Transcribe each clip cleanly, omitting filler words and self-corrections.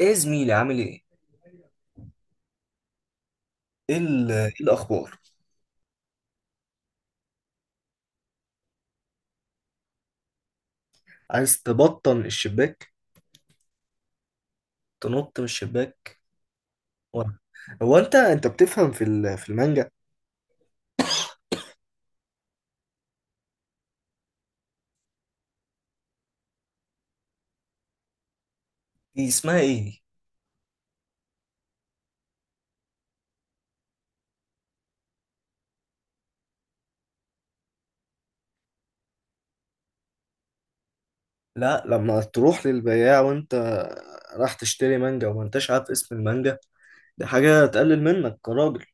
ايه يا زميلي، عامل ايه؟ إيه الاخبار؟ عايز تبطن الشباك؟ تنط من الشباك؟ ولا؟ هو انت بتفهم في المانجا؟ دي اسمها ايه دي؟ لا، لما تروح للبياع وانت راح تشتري مانجا وما انتش عارف اسم المانجا، دي حاجة تقلل منك كراجل.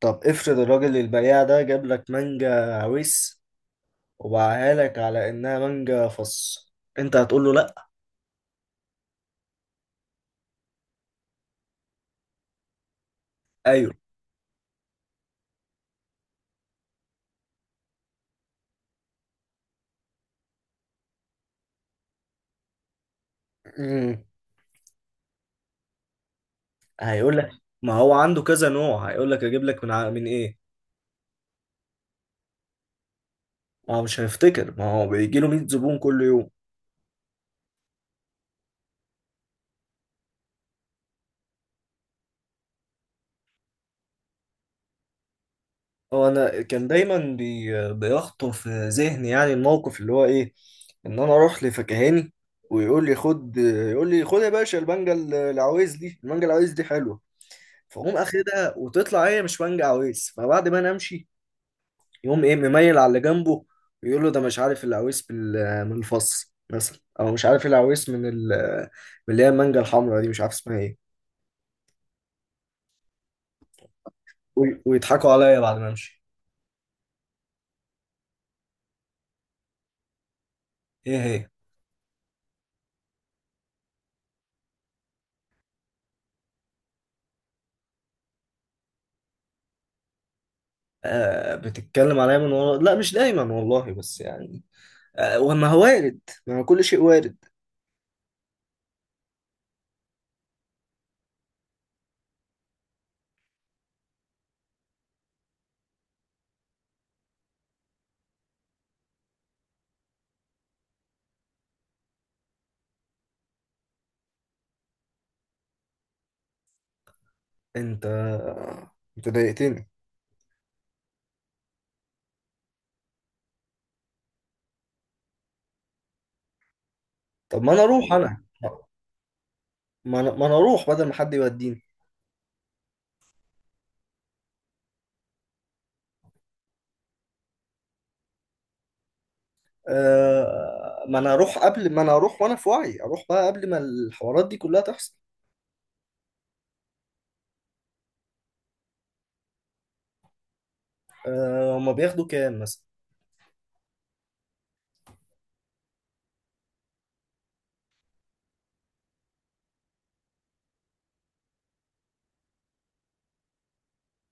طب افرض الراجل البياع ده جاب لك مانجا عويس وباعها لك على انها مانجا فص، انت هتقول له لا؟ ايوه. امم. هيقول لك. ما هو عنده كذا نوع، هيقول لك اجيب لك من ايه. ما هو مش هيفتكر، ما هو بيجي له 100 زبون كل يوم. هو انا كان دايما بيخطر في ذهني، يعني الموقف اللي هو ايه، ان انا اروح لفكهاني ويقول لي خد، يقول لي خد يا باشا، المانجا العويز دي، المانجا العويز دي حلوه، فاقوم اخدها وتطلع هي مش مانجا عويز، فبعد ما انا امشي يقوم ايه مميل على اللي جنبه، ويقول له ده مش عارف العويس من الفص مثلا، او مش عارف العويس من اللي هي المانجا الحمراء دي، مش عارف اسمها ايه، ويضحكوا عليا بعد ما امشي. ايه هي؟ آه، بتتكلم عليا من ورا. لا، مش دايما والله، بس يعني آه، وما هو وارد، ما هو كل شيء وارد. انت انت ضايقتني. طب ما انا اروح، والله انا، ما أنا اروح بدل ما حد يوديني. آه، ما انا اروح قبل ما انا اروح وانا في وعي، اروح بقى قبل ما الحوارات دي كلها تحصل. آه، هما بياخدوا كام مثلا؟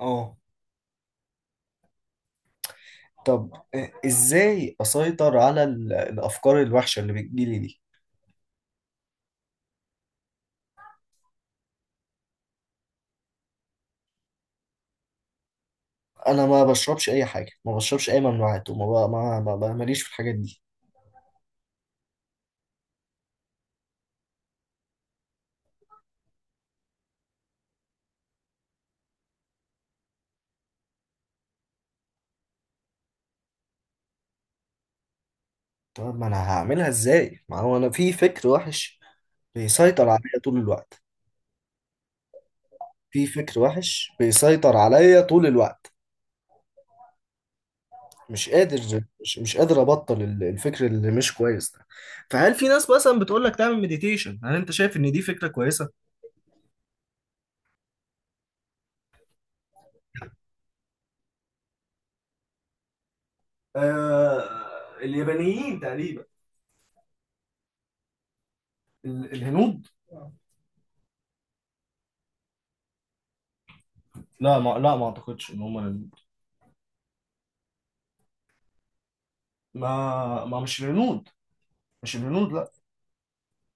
اه. طب ازاي اسيطر على الافكار الوحشه اللي بتجيلي دي؟ انا ما بشربش اي حاجه، ما بشربش اي ممنوعات، وما ب- ما ما- ما- ماليش في الحاجات دي. طب ما انا هعملها ازاي، ما هو انا في فكر وحش بيسيطر عليا طول الوقت. في فكر وحش بيسيطر عليا طول الوقت، مش قادر ابطل الفكر اللي مش كويس ده. فهل في ناس مثلا بتقول لك تعمل مديتيشن؟ هل انت شايف ان دي فكرة كويسة؟ آه. اليابانيين تقريبا. الهنود. لا، ما اعتقدش ان هم الهنود. ما ما مش الهنود. مش الهنود لا.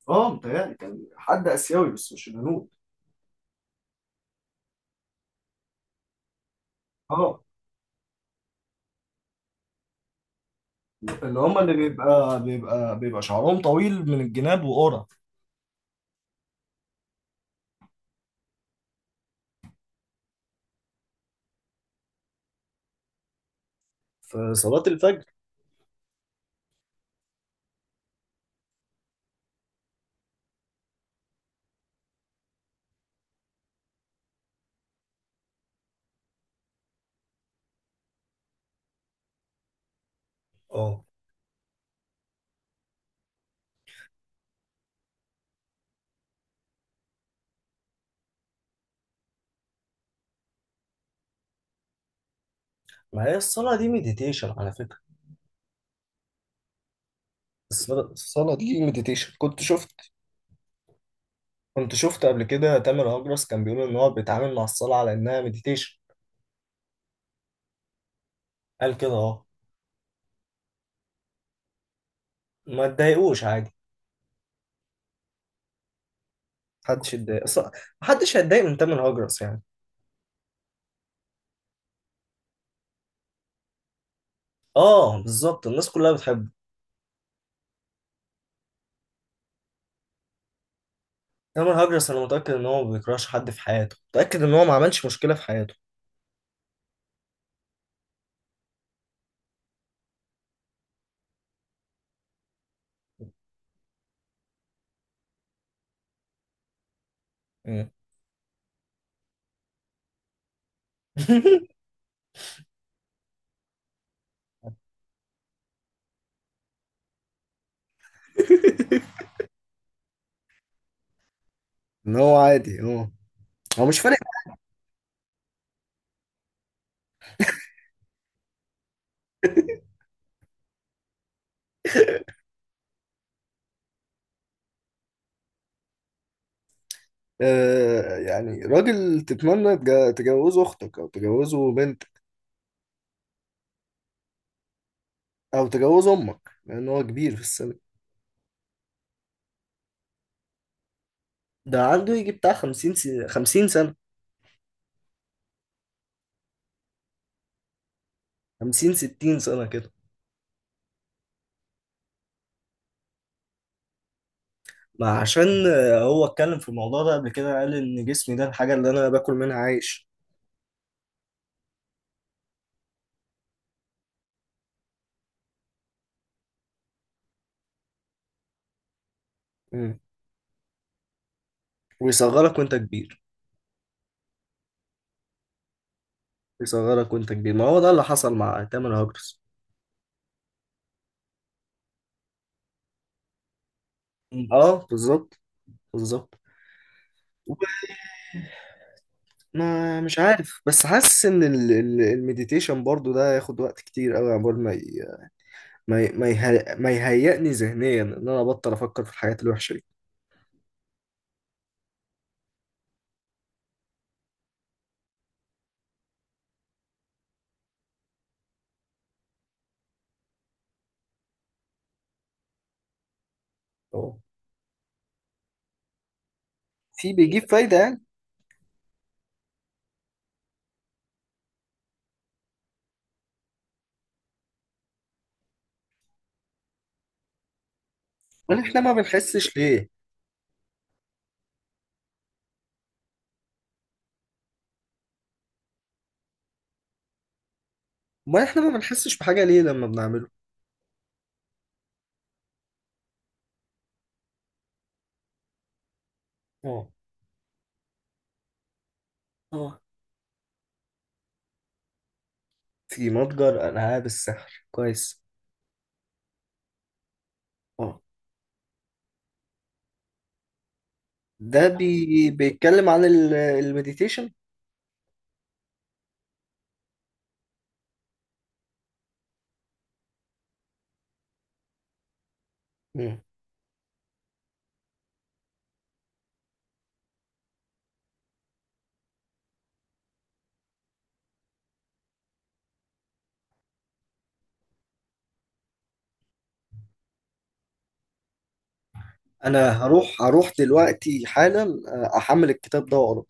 اه، متهيألي كان حد اسيوي، بس مش الهنود. اه، اللي هم اللي بيبقى شعرهم طويل من الجناب وقرع. في صلاة الفجر. اه. ما هي الصلاة دي مديتيشن على فكرة. الصلاة دي مديتيشن. كنت شفت. كنت شفت قبل كده تامر هجرس كان بيقول ان هو بيتعامل مع الصلاة على انها مديتيشن. قال كده اه. ما تضايقوش، عادي. محدش يتضايق اصلا، محدش هيتضايق من تامر هجرس يعني. اه، بالظبط، الناس كلها بتحبه. تامر هجرس، انا متأكد ان هو ما بيكرهش حد في حياته، متأكد ان هو ما عملش مشكلة في حياته. مم. ان هو عادي اه. هو مش فارق. يعني راجل تتمنى تجوزه اختك او تجوزه بنتك او تجوزه امك، لان هو كبير في السن. ده عنده يجي بتاع 50 سنة. 50 سنة. 50 60 سنة كده. ما عشان هو اتكلم في الموضوع ده قبل كده، قال ان جسمي ده الحاجة اللي انا باكل منها عايش. مم. ويصغرك وانت كبير. يصغرك وانت كبير، ما هو ده اللي حصل مع تامر هاجرس. مم. اه بالظبط. بالظبط. ما مش عارف، بس حاسس ان المديتيشن برضو ده ياخد وقت كتير قوي، عقبال ما يهيئني ذهنيا ان انا ابطل افكر في الحاجات الوحشه دي. اه. في بيجيب فايده يعني؟ امال احنا ما بنحسش ليه؟ امال احنا ما بنحسش بحاجه ليه لما بنعمله؟ اه. اه، في متجر العاب السحر، كويس. اه. ده بيتكلم عن المديتيشن. مم. انا هروح، دلوقتي حالا، احمل الكتاب ده واقراه.